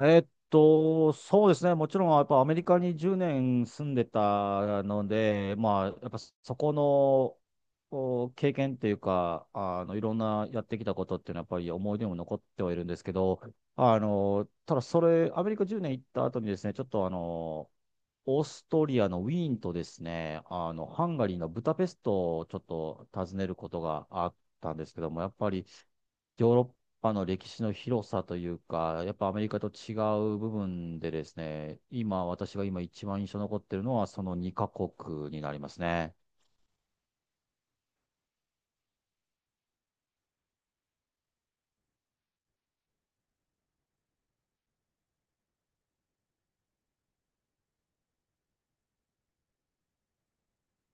そうですね。もちろん、やっぱアメリカに10年住んでたので、まあ、やっぱそこのお経験っていうか、いろんなやってきたことっていうのは、やっぱり思い出にも残ってはいるんですけど、ただそれ、アメリカ10年行った後にですね、ちょっとオーストリアのウィーンとですね、ハンガリーのブダペストをちょっと訪ねることがあったんですけども、やっぱりヨーロッパの歴史の広さというか、やっぱアメリカと違う部分でですね、今、私が今一番印象に残ってるのは、その2カ国になりますね。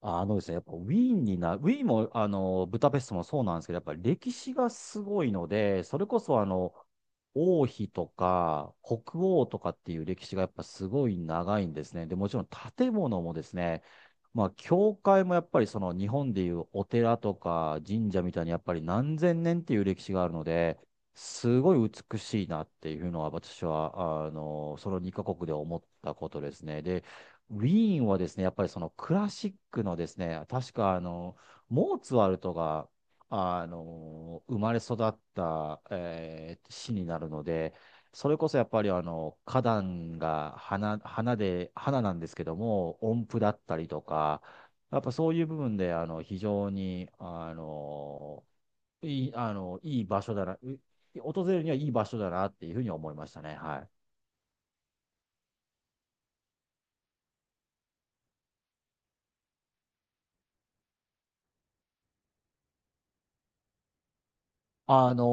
あのですね、やっぱウィーンも、ブダペストもそうなんですけど、やっぱり歴史がすごいので、それこそ王妃とか北欧とかっていう歴史がやっぱすごい長いんですね。で、もちろん建物もですね、まあ、教会もやっぱりその日本でいうお寺とか神社みたいにやっぱり何千年っていう歴史があるので、すごい美しいなっていうのは私は、その2カ国で思ったことですね。で、ウィーンはですね、やっぱりそのクラシックのですね、確かモーツァルトが、生まれ育った、市になるので、それこそやっぱり花壇が花、花で、花なんですけども、音符だったりとか、やっぱそういう部分で、非常に、いい、あの、いい場所だな、訪れるにはいい場所だなっていうふうに思いましたね。はい。あの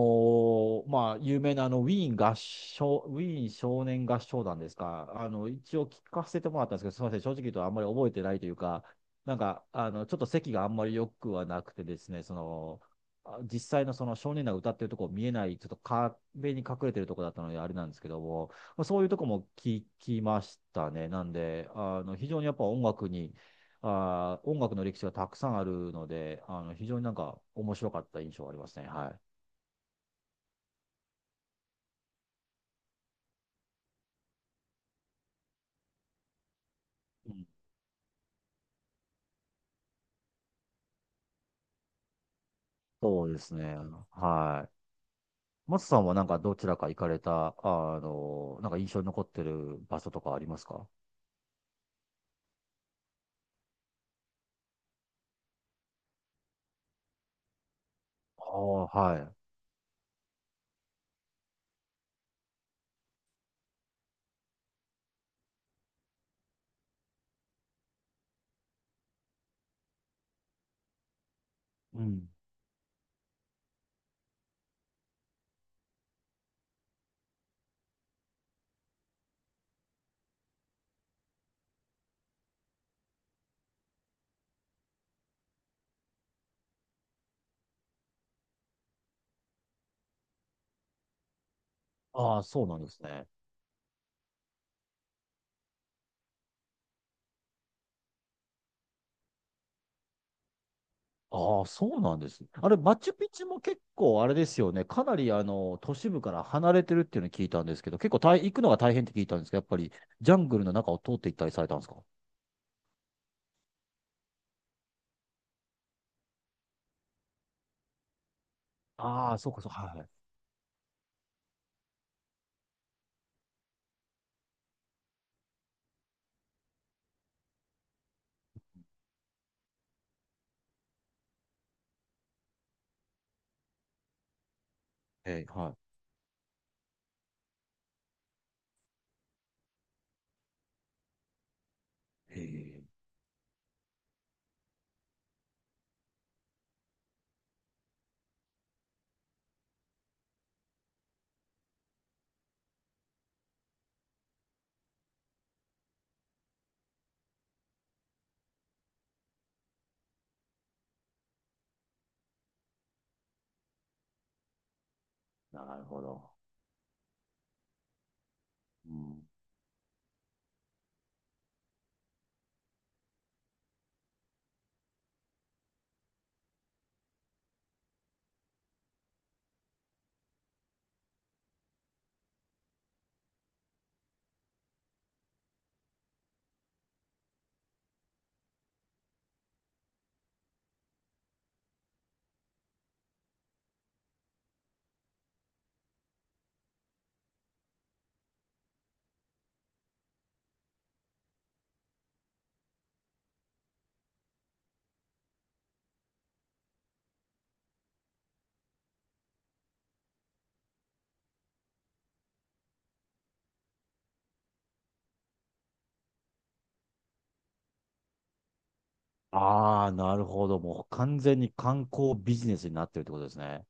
まあ、有名なウィーン少年合唱団ですか、一応聞かせてもらったんですけど、すみません、正直言うとあんまり覚えてないというか、なんかちょっと席があんまり良くはなくてですね、実際のその少年団が歌ってるとこ見えない、ちょっと壁に隠れてるとこだったので、あれなんですけども、まあ、そういうとこも聞きましたね、なんで、非常にやっぱ音楽に、あー、音楽の歴史がたくさんあるので、非常になんか面白かった印象がありますね。はい。うん。そうですね。はい。松さんはなんかどちらか行かれた、なんか印象に残ってる場所とかありますか？ああ、はい。うん。ああ、そうなんですね。ああ、そうなんです。あれ、マチュピチュも結構あれですよね。かなり都市部から離れてるっていうのを聞いたんですけど、結構大行くのが大変って聞いたんですけど、やっぱりジャングルの中を通って行ったりされたんですか？ああ、そうか、そうか。はい。はい。はい。へえ、なるほど。うん。ああ、なるほど。もう完全に観光ビジネスになってるってことですね。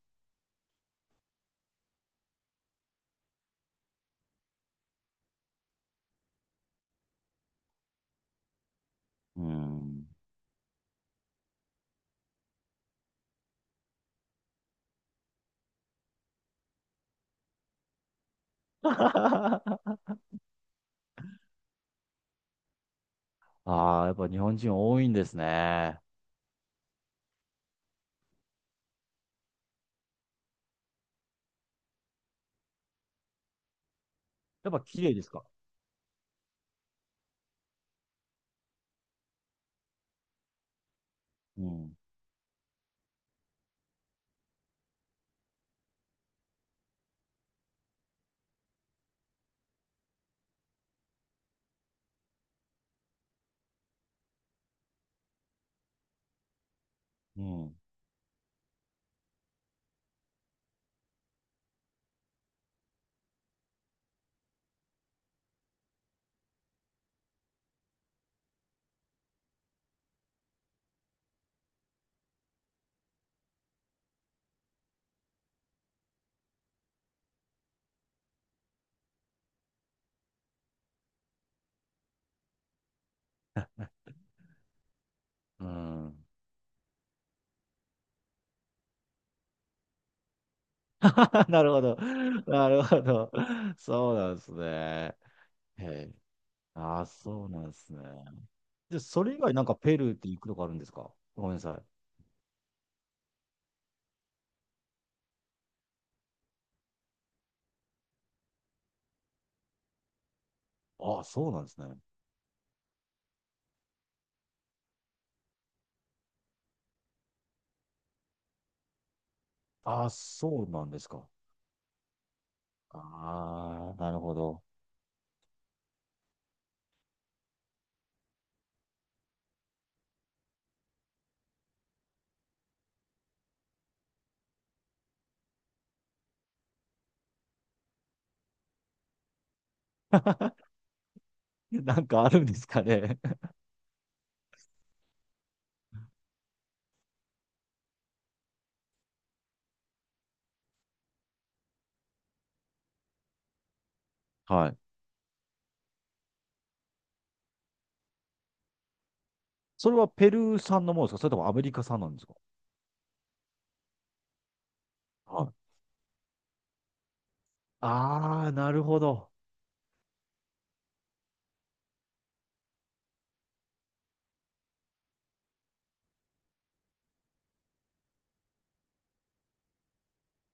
うん。ああ、やっぱ日本人多いんですね。やっぱ綺麗ですか？うん。うん。うん。なるほど。なるほど。そうなんですね。へえ。ああ、そうなんですね。で、それ以外なんかペルーって行くとこあるんですか？ごめんなさい。ああ、そうなんですね。ああ、そうなんですか。ああ、なるほど。なんかあるんですかね？はい。それはペルー産のものですか？それともアメリカ産なんですか？はい。ああ、なるほど。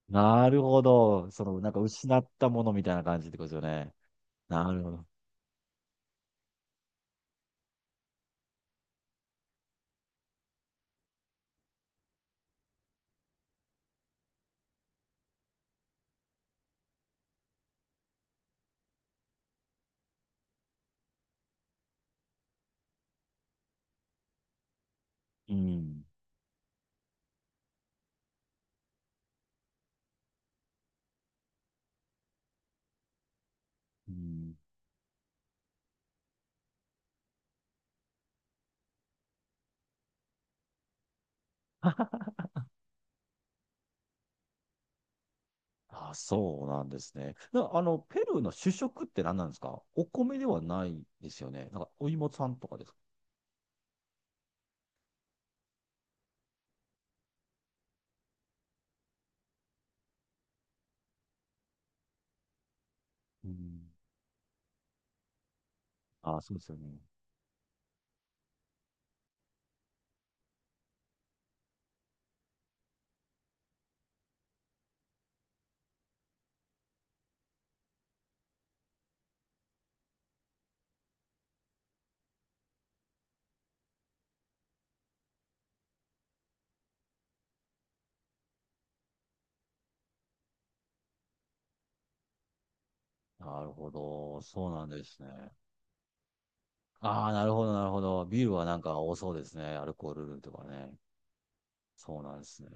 なるほど。その、なんか失ったものみたいな感じってことですよね。なるほど。うん。うん。あ、そうなんですね。な、あの、ペルーの主食って何なんですか？お米ではないですよね。なんか、お芋さんとかですか？うん。あ、そうですよね。なるほど。そうなんですね。ああ、なるほど、なるほど。ビールはなんか多そうですね。アルコールとかね。そうなんですね。